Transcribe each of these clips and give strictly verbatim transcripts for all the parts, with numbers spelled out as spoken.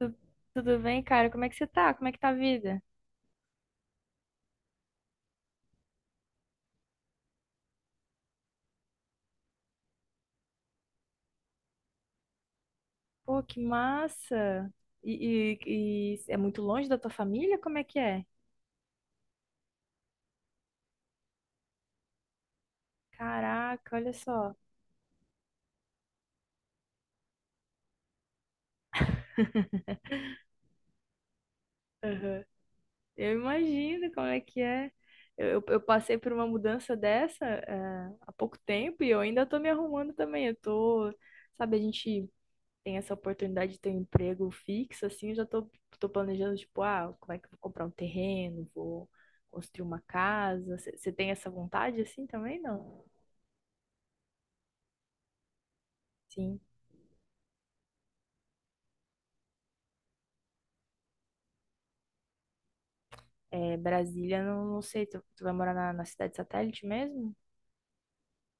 Tu- Tudo bem, cara? Como é que você tá? Como é que tá a vida? Pô, que massa! E, e- e é muito longe da tua família? Como é que é? Caraca, olha só. Aham. Eu imagino como é que é. Eu, eu- eu passei por uma mudança dessa, eh, há pouco tempo e eu ainda tô me arrumando também. Eu tô, sabe, a gente tem essa oportunidade de ter um emprego fixo, assim, eu já tô, tô planejando, tipo, ah, como é que eu vou comprar um terreno, vou construir uma casa. Você tem essa vontade assim também, não? Sim. É, Brasília, não, não sei, tu, tu vai morar na, na cidade satélite mesmo?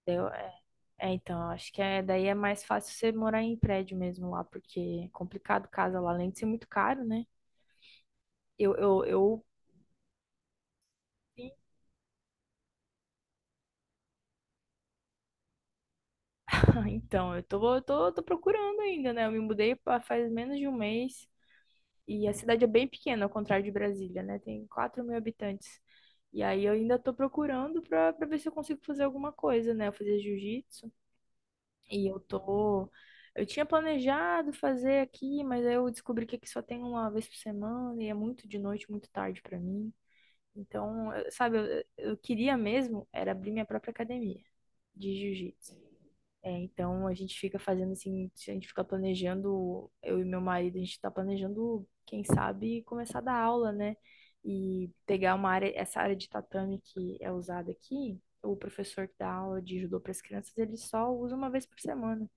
Eu, é, é, então, eu acho que é, daí é mais fácil você morar em prédio mesmo lá, porque é complicado casa lá, além de ser muito caro, né? Eu, eu, eu, então, eu tô, eu tô, tô procurando ainda, né? Eu me mudei pa- faz menos de um mês e a cidade é bem pequena, ao contrário de Brasília, né? Tem quatro mil habitantes. E aí eu ainda tô procurando pra, pra ver se eu consigo fazer alguma coisa, né? Fazer jiu-jitsu. E eu tô. Eu tinha planejado fazer aqui, mas aí eu descobri que aqui só tem uma vez por semana e é muito de noite, muito tarde pra mim. Então, eu- sabe, eu, eu queria mesmo era abrir minha própria academia de jiu-jitsu. É, então a gente fica fazendo assim, a gente fica planejando, eu e meu marido, a gente tá planejando, quem sabe, começar a dar aula, né? E pegar uma área, essa área de tatame que é usada aqui, o professor que dá aula de judô para as crianças, ele só usa uma vez por semana.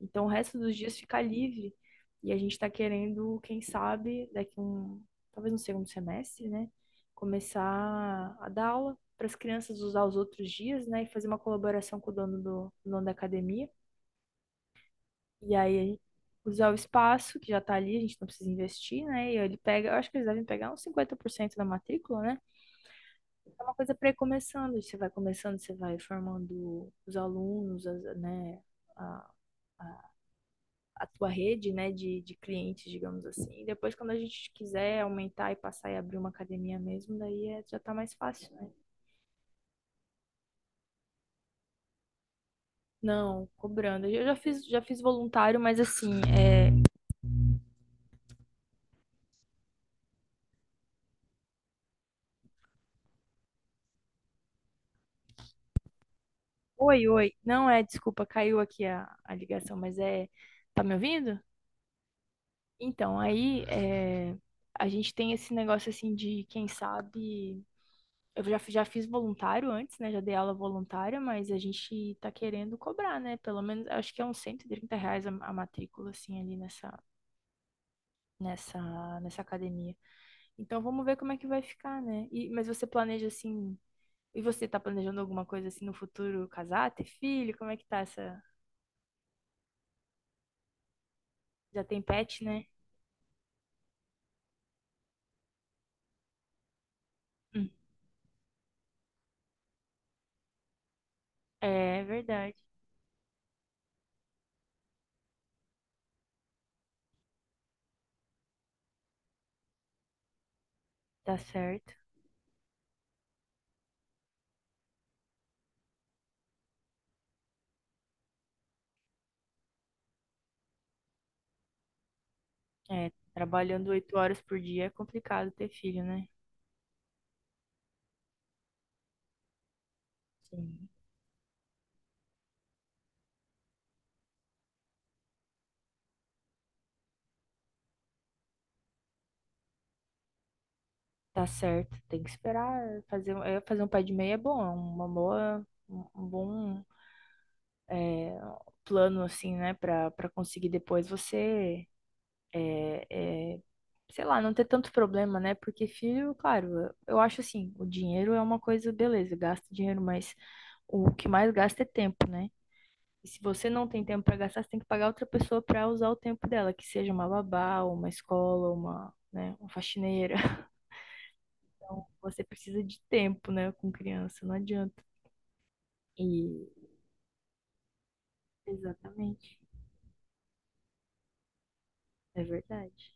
Então, o resto dos dias fica livre. E a gente está querendo, quem sabe, daqui um, talvez no segundo semestre, né? Começar a dar aula para as crianças usar os outros dias, né? E fazer uma colaboração com o dono, do, o dono da academia. E aí, usar o espaço que já está ali, a gente não precisa investir, né? E ele pega, eu acho que eles devem pegar uns cinquenta por cento da matrícula, né? É uma coisa para ir começando. Você vai começando, você vai formando os alunos, as- né? a- a tua rede, né, de, de clientes, digamos assim. Depois, quando a gente quiser aumentar e passar e abrir uma academia mesmo, daí é, já tá mais fácil, né? Não, cobrando. Eu já fiz, já fiz voluntário, mas assim, é... Oi, oi. Não é, desculpa, caiu aqui a, a ligação, mas é... Tá me ouvindo? Então, aí é... a gente tem esse negócio assim de, quem sabe. Eu já, fi- já fiz voluntário antes, né? Já dei aula voluntária, mas a gente tá querendo cobrar, né? Pelo menos, acho que é uns cento e trinta reais a, a matrícula, assim, ali nessa, nessa, nessa academia. Então, vamos ver como é que vai ficar, né? E, mas você planeja, assim... E você tá planejando alguma coisa, assim, no futuro? Casar, ter filho? Como é que tá essa... Já tem pet, né? Hum. É verdade. Tá certo. É, trabalhando oito horas por dia é complicado ter filho, né? Sim. Tá certo, tem que esperar fazer, um- é, fazer um pé de meia é bom, é uma boa, um um bom plano assim, né, pra para conseguir depois você é, é, sei lá, não ter tanto problema, né? Porque filho, claro, eu acho assim, o dinheiro é uma coisa, beleza, gasta dinheiro, mas o que mais gasta é tempo, né? E se você não tem tempo pra gastar, você tem que pagar outra pessoa pra usar o tempo dela, que seja uma babá, ou uma escola, ou uma, né, uma faxineira. Então, você precisa de tempo, né, com criança, não adianta. E Exatamente, é verdade.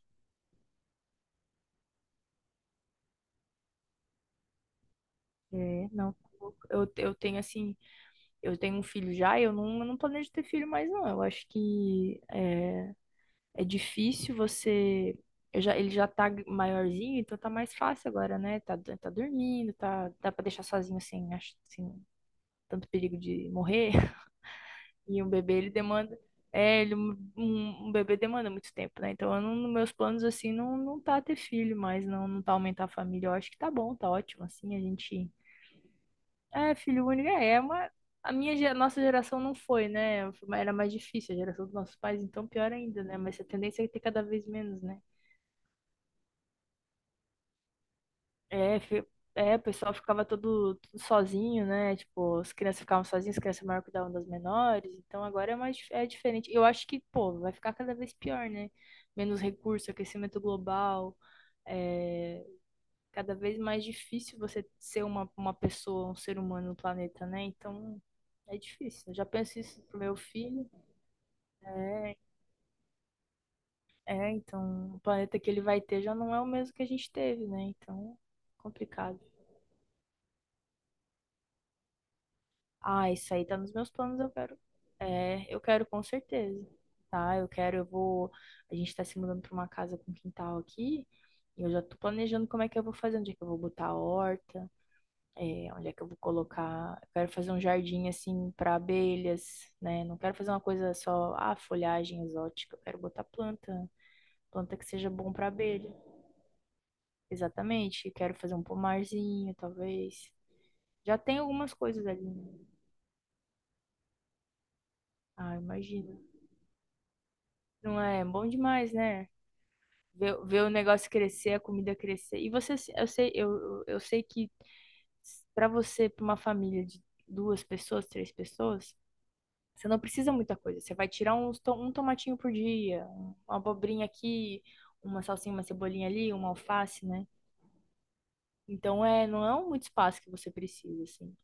É, não, tá eu, eu tenho assim, eu tenho um filho já, e eu não, eu não planejo ter filho mais, não. Eu acho que é, é difícil você. Eu já, ele já tá maiorzinho, então tá mais fácil agora, né? Tá, tá dormindo, tá, dá pra deixar sozinho sem, acho, sem tanto perigo de morrer. E um bebê, ele demanda. É, ele, um, um bebê demanda muito tempo, né? Então, eu não, nos meus planos, assim, não, não tá ter filho, mas não, não tá aumentar a família. Eu acho que tá bom, tá ótimo, assim, a gente. É, filho único é, é uma. A minha, ge- nossa geração não foi, né? Era mais difícil, a geração dos nossos pais, então pior ainda, né? Mas a tendência é ter cada vez menos, né? É, fi- é, o pessoal ficava todo, tudo sozinho, né? Tipo, as crianças ficavam sozinhas, as crianças maiores cuidavam das menores. Então agora é mais dif- é diferente. Eu acho que, pô, vai ficar cada vez pior, né? Menos recurso, aquecimento global. É cada vez mais difícil você ser uma, uma pessoa, um ser humano no planeta, né? Então é difícil. Eu já penso isso pro meu filho. É, é, então o planeta que ele vai ter já não é o mesmo que a gente teve, né? Então, complicado. Ah, isso aí tá nos meus planos, eu quero. É, eu quero com certeza, tá? Eu quero, eu vou. A gente tá se mudando pra uma casa com quintal aqui, e eu já tô planejando como é que eu vou fazer, onde é que eu vou botar a horta, é, onde é que eu vou colocar. Eu quero fazer um jardim assim pra abelhas, né? Não quero fazer uma coisa só, ah, folhagem exótica, eu quero botar planta, planta que seja bom pra abelha. Exatamente, quero fazer um pomarzinho, talvez. Já tem algumas coisas ali, né? Ah, imagino. Não é bom demais, né? Ver, ver o negócio crescer, a comida crescer. E você, se- eu sei, eu, eu sei que pra você, pra uma família de duas pessoas, três pessoas, você não precisa muita coisa. Você vai tirar uns, to- um tomatinho por dia, um- uma abobrinha aqui, uma salsinha, uma cebolinha ali, uma alface, né? Então é, não é um muito espaço que você precisa, assim.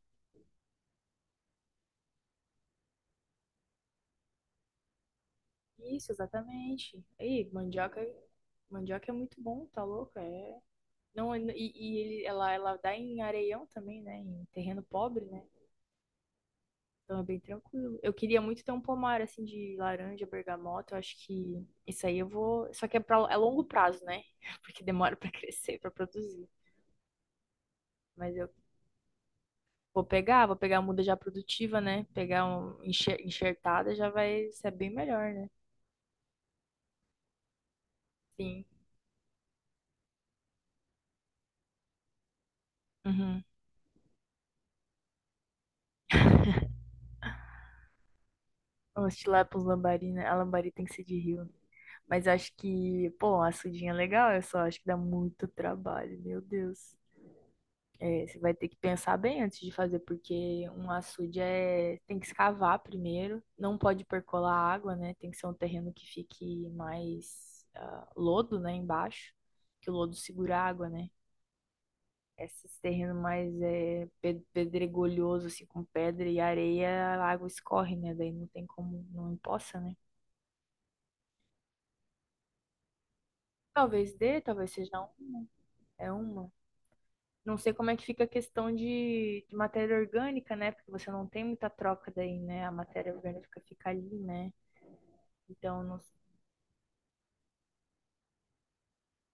Isso, exatamente. Aí, mandioca, mandioca, é muito bom, tá louco? É. Não, e, e ele, ela, ela dá em areião também, né? Em terreno pobre, né? Então é bem tranquilo. Eu queria muito ter um pomar assim de laranja, bergamota. Eu acho que isso aí eu vou. Só que é, pra, é longo prazo, né? Porque demora pra crescer, pra produzir. Mas eu vou pegar, vou pegar a muda já produtiva, né? Pegar um enxer- enxertada já vai ser bem melhor, né? Sim. Uhum. Os tilápios lambari, né? A lambari tem que ser de rio. Mas acho que, pô, a sudinha é legal, eu só acho que dá muito trabalho, meu Deus. É, você vai ter que pensar bem antes de fazer, porque um açude é, tem que escavar primeiro, não pode percolar água, né? Tem que ser um terreno que fique mais ah, lodo, né, embaixo, que o lodo segura a água, né? Esses terrenos mais é, pe- pedregulhoso, assim, com pedra e areia, a água escorre, né? Daí não tem como, não empoça, né? Talvez dê, talvez seja uma, é uma. Não sei como é que fica a questão de, de matéria orgânica, né? Porque você não tem muita troca daí, né? A matéria orgânica fica ali, né? Então, não s-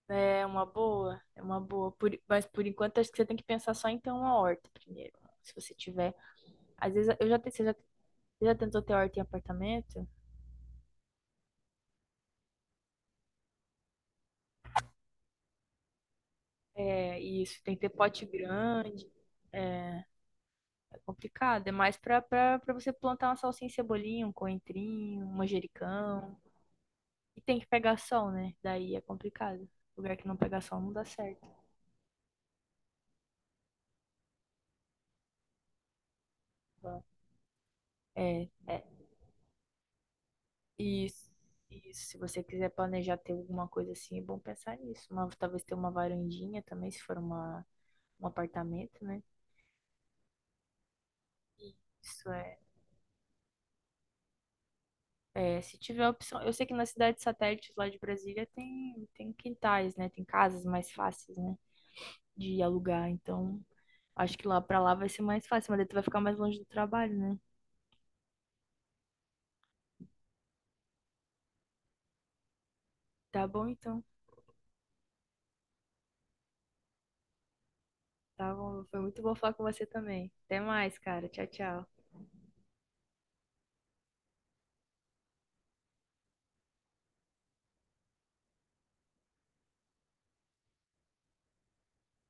é uma boa, é uma boa. Por- mas por enquanto, acho que você tem que pensar só em ter uma horta primeiro. Se você tiver. Às vezes, eu já, te- você já, você já tentou ter horta em apartamento? É, isso, tem que ter pote grande. É, é complicado. É mais pra, pra, pra você plantar uma salsinha, e cebolinha, um coentrinho, um manjericão. E tem que pegar sol, né? Daí é complicado. Lugar que não pega sol não dá certo. É, é. E, s- e se você quiser planejar ter alguma coisa assim, é bom pensar nisso. Uma, talvez ter uma varandinha também, se for uma, um apartamento, né? E Isso é, é. Se tiver opção. Eu sei que na cidade de satélites lá de Brasília tem, tem, quintais, né? Tem casas mais fáceis, né? De alugar. Então, acho que lá pra lá vai ser mais fácil, mas daí tu vai ficar mais longe do trabalho, né? Tá bom, então. Tá bom, foi muito bom falar com você também. Até mais, cara. Tchau, tchau.